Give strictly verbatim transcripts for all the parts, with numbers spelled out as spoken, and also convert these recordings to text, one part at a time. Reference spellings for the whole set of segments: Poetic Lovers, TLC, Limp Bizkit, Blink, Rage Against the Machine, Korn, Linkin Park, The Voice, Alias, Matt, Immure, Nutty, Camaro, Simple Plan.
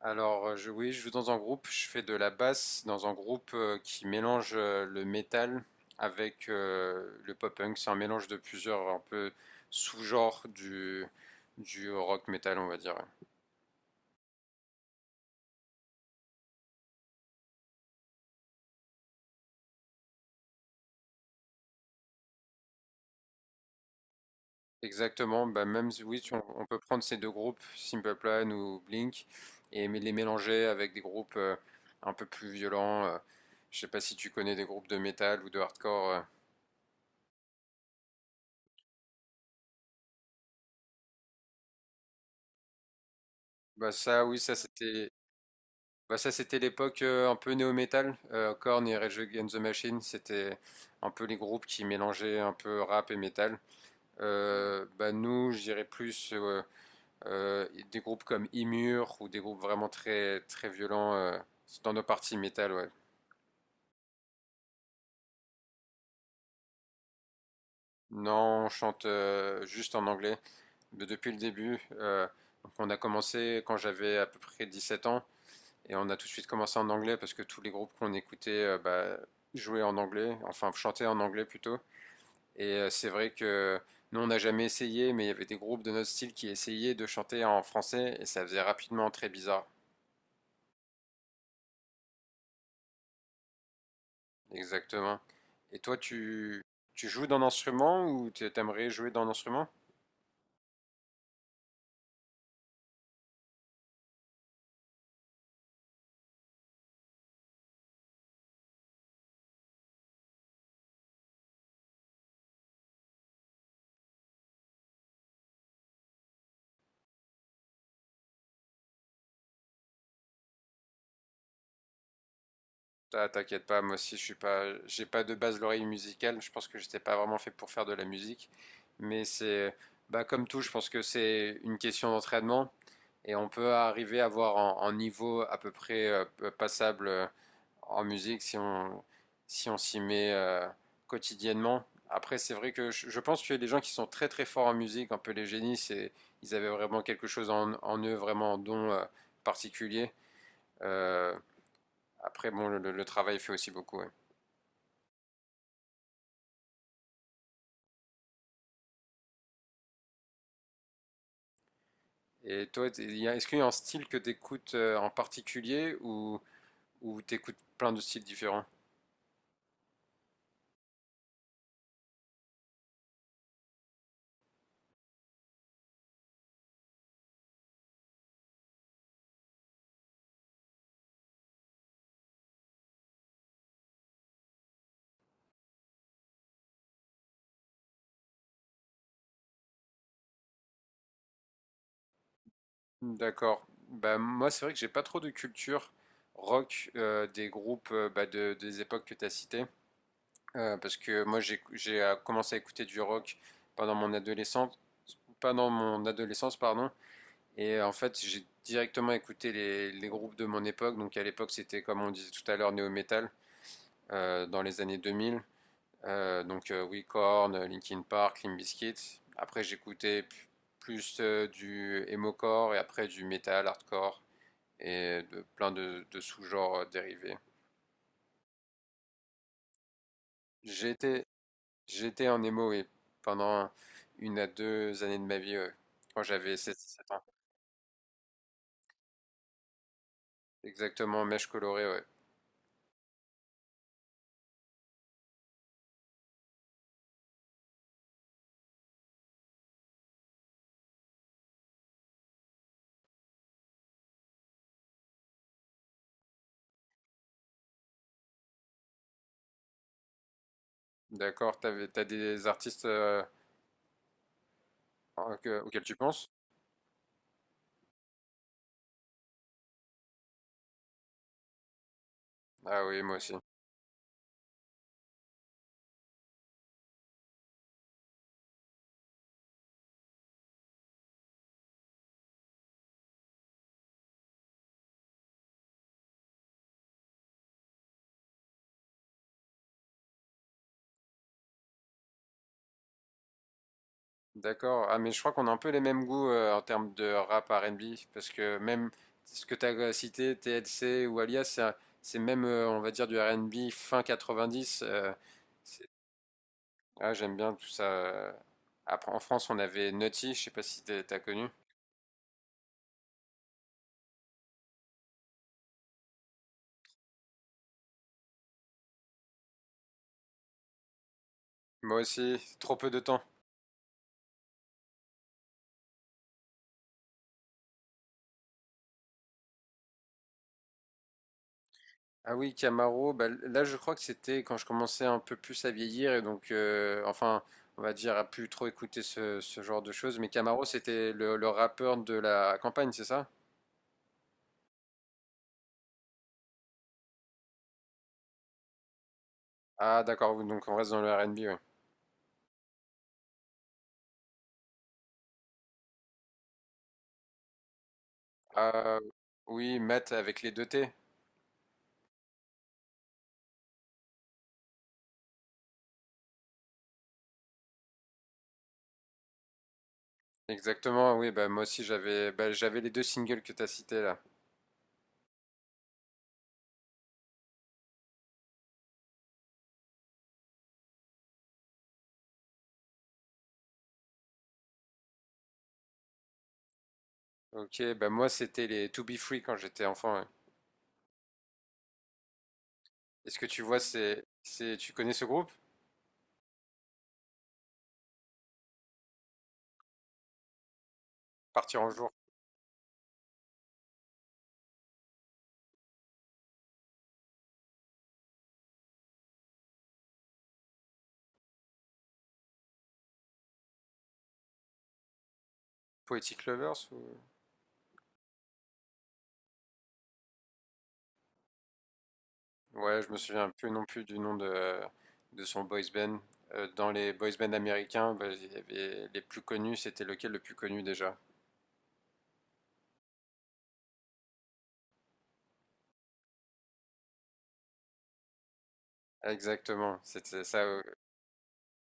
Alors, euh, je, oui, je joue dans un groupe, je fais de la basse dans un groupe euh, qui mélange euh, le metal avec euh, le pop-punk. C'est un mélange de plusieurs un peu sous-genres du, du rock metal, on va dire. Exactement, bah même si- oui, tu- on, on peut prendre ces deux groupes, Simple Plan ou Blink, et mé- les mélanger avec des groupes euh, un peu plus violents. euh. Je sais pas si tu connais des groupes de metal ou de hardcore. euh. Bah ça, oui, ça c'était. Bah ça, c'était l'époque euh, un peu néo-metal. Euh, Korn et Rage Against the Machine, c'était un peu les groupes qui mélangeaient un peu rap et metal. Euh, bah nous, je dirais plus euh, euh, des groupes comme Immure ou des groupes vraiment très, très violents euh, dans nos parties metal, ouais. Non, on chante euh, juste en anglais de- depuis le début. Euh, donc on a commencé quand j'avais à peu près dix-sept ans et on a tout de suite commencé en anglais parce que tous les groupes qu'on écoutait euh, bah, jouaient en anglais, enfin chantaient en anglais plutôt. Et euh, c'est vrai que nous, on n'a jamais essayé, mais il y avait des groupes de notre style qui essayaient de chanter en français et ça faisait rapidement très bizarre. Exactement. Et toi, tu, tu joues d'un instrument ou tu- aimerais jouer d'un instrument? Ah, t'inquiète pas, moi aussi, je suis pas, j'ai pas de base l'oreille musicale. Je pense que j'étais pas vraiment fait pour faire de la musique. Mais c'est, bah, comme tout, je pense que c'est une question d'entraînement et on peut arriver à avoir un, un niveau à peu près euh, passable euh, en musique si on si on s'y met euh, quotidiennement. Après, c'est vrai que je, je pense que les gens qui sont très très forts en musique, un peu les génies, c'est ils avaient vraiment quelque chose en, en eux, vraiment un don euh, particulier. Euh, après, bon, le, le travail fait aussi beaucoup. Ouais. Et toi, t'es- il y a- est-ce qu'il y a un style que tu écoutes en particulier ou, ou tu écoutes plein de styles différents? D'accord. Bah, moi, c'est vrai que j'ai pas trop de culture rock euh, des groupes euh, bah, de, des époques que tu as citées. Euh, parce que moi, j'ai j'ai, euh, commencé à écouter du rock pendant mon adolescence, pendant mon adolescence, pardon. Et euh, en fait, j'ai directement écouté les, les groupes de mon époque. Donc à l'époque, c'était comme on disait tout à l'heure, néo-metal, euh, dans les années deux mille. Euh, donc euh, oui, Korn, Linkin Park, Limp Bizkit. Après, j'écoutais p- plus euh, du emo-core et après du metal, hardcore et de plein de, de sous-genres euh, dérivés. J'ai été j'étais en emo, oui, pendant une à deux années de ma vie, ouais. Quand j'avais seize dix-sept ans. Exactement, mèche colorée, ouais. D'accord, t'avais, t'as des artistes euh, en- que- auxquels tu penses? Ah oui, moi aussi. D'accord. Ah, mais je crois qu'on a un peu les mêmes goûts euh, en termes de rap R and B, parce que même ce que t'as cité, T L C ou Alias, c'est un- c'est même, euh, on va dire, du R and B fin quatre-vingt-dix. euh, c'est- ah, j'aime bien tout ça. Après, en France, on avait Nutty, je sais pas si t'as t'as connu. Moi aussi, trop peu de temps. Ah oui, Camaro, bah, là je crois que c'était quand je commençais un peu plus à vieillir et donc, euh, enfin, on va dire, à plus trop écouter ce, ce genre de choses. Mais Camaro, c'était le, le rappeur de la campagne, c'est ça? Ah d'accord, oui, donc on reste dans le R and B, oui. Ah oui, Matt avec les deux T. Exactement, oui, bah moi aussi j'avais bah, j'avais les deux singles que t'as as cités là. Ok, bah moi c'était les To Be Free quand j'étais enfant. Ouais. Est-ce que tu vois, c'est, c'est, tu connais ce groupe? Partir en jour, Poetic Lovers ou... Ouais, je me souviens plus non plus du nom de, de son boys band. Euh, dans les boys bands américains, bah, il y avait les plus connus, c'était lequel le plus connu déjà? Exactement, c'était ça. euh,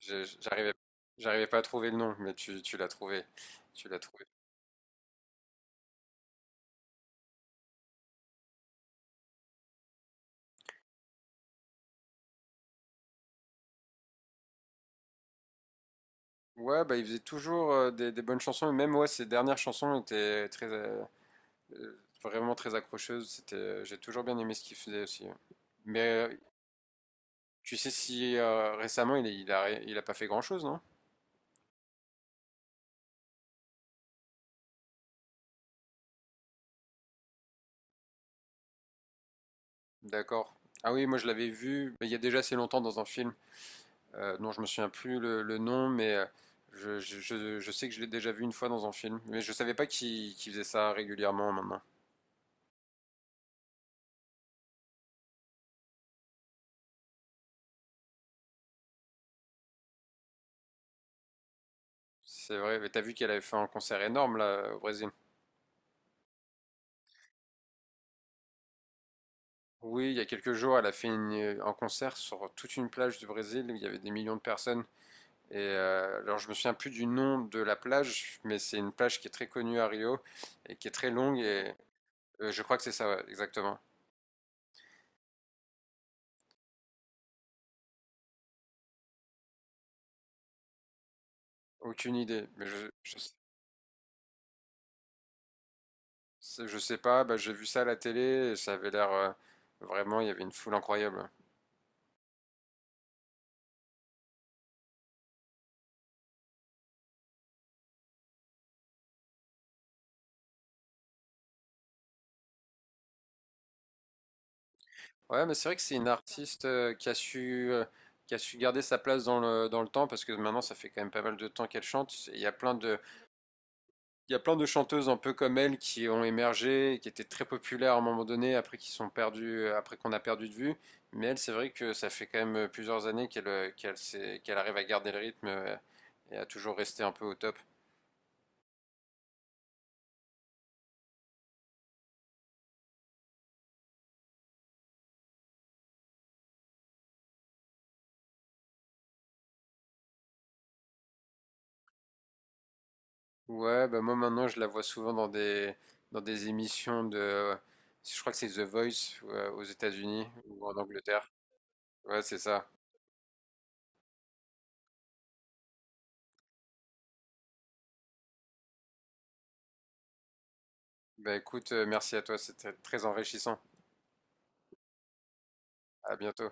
j'ai- J'arrivais, j'arrivais pas à trouver le nom, mais tu, tu l'as trouvé. Tu l'as trouvé. Ouais, bah il faisait toujours euh, des, des bonnes chansons, et même ouais, ses dernières chansons étaient très, euh, euh, vraiment très accrocheuses. C'était, euh, j'ai toujours bien aimé ce qu'il faisait aussi. Hein. Mais euh, tu sais si euh, récemment il, est- il a, ré- il a pas fait grand-chose, non? D'accord. Ah oui, moi je l'avais vu mais il y a déjà assez longtemps dans un film euh, dont je me souviens plus le, le nom, mais euh, je, je- je- je sais que je l'ai déjà vu une fois dans un film, mais je savais pas qu'il qu'il faisait ça régulièrement maintenant. C'est vrai, mais t'as vu qu'elle avait fait un concert énorme là au Brésil. Oui, il y a quelques jours, elle a fait une- un concert sur toute une plage du Brésil où il y avait des millions de personnes. Et euh, alors je me souviens plus du nom de la plage, mais c'est une plage qui est très connue à Rio et qui est très longue et euh, je crois que c'est ça, ouais, exactement. Aucune idée, mais je, je- C'est- je sais pas, bah, j'ai vu ça à la télé et ça avait l'air euh, vraiment, il y avait une foule incroyable. Ouais, mais c'est vrai que c'est une artiste euh, qui a su, euh, qui a su garder sa place dans le, dans le temps parce que maintenant ça fait quand même pas mal de temps qu'elle chante. Et il y a plein de, il y a plein de chanteuses un peu comme elle qui ont émergé, et qui étaient très populaires à un moment donné, après qui sont perdues, après qu'on a perdu de vue. Mais elle, c'est vrai que ça fait quand même euh, plusieurs années qu'elle, euh, qu'elle s'est- qu'elle arrive à garder le rythme euh, et à toujours rester un peu au top. Ouais, bah moi maintenant je la vois souvent dans des dans des émissions de, je crois que c'est The Voice euh, aux États-Unis ou en Angleterre. Ouais, c'est ça. Bah écoute, euh, merci à toi, c'était très enrichissant. À bientôt.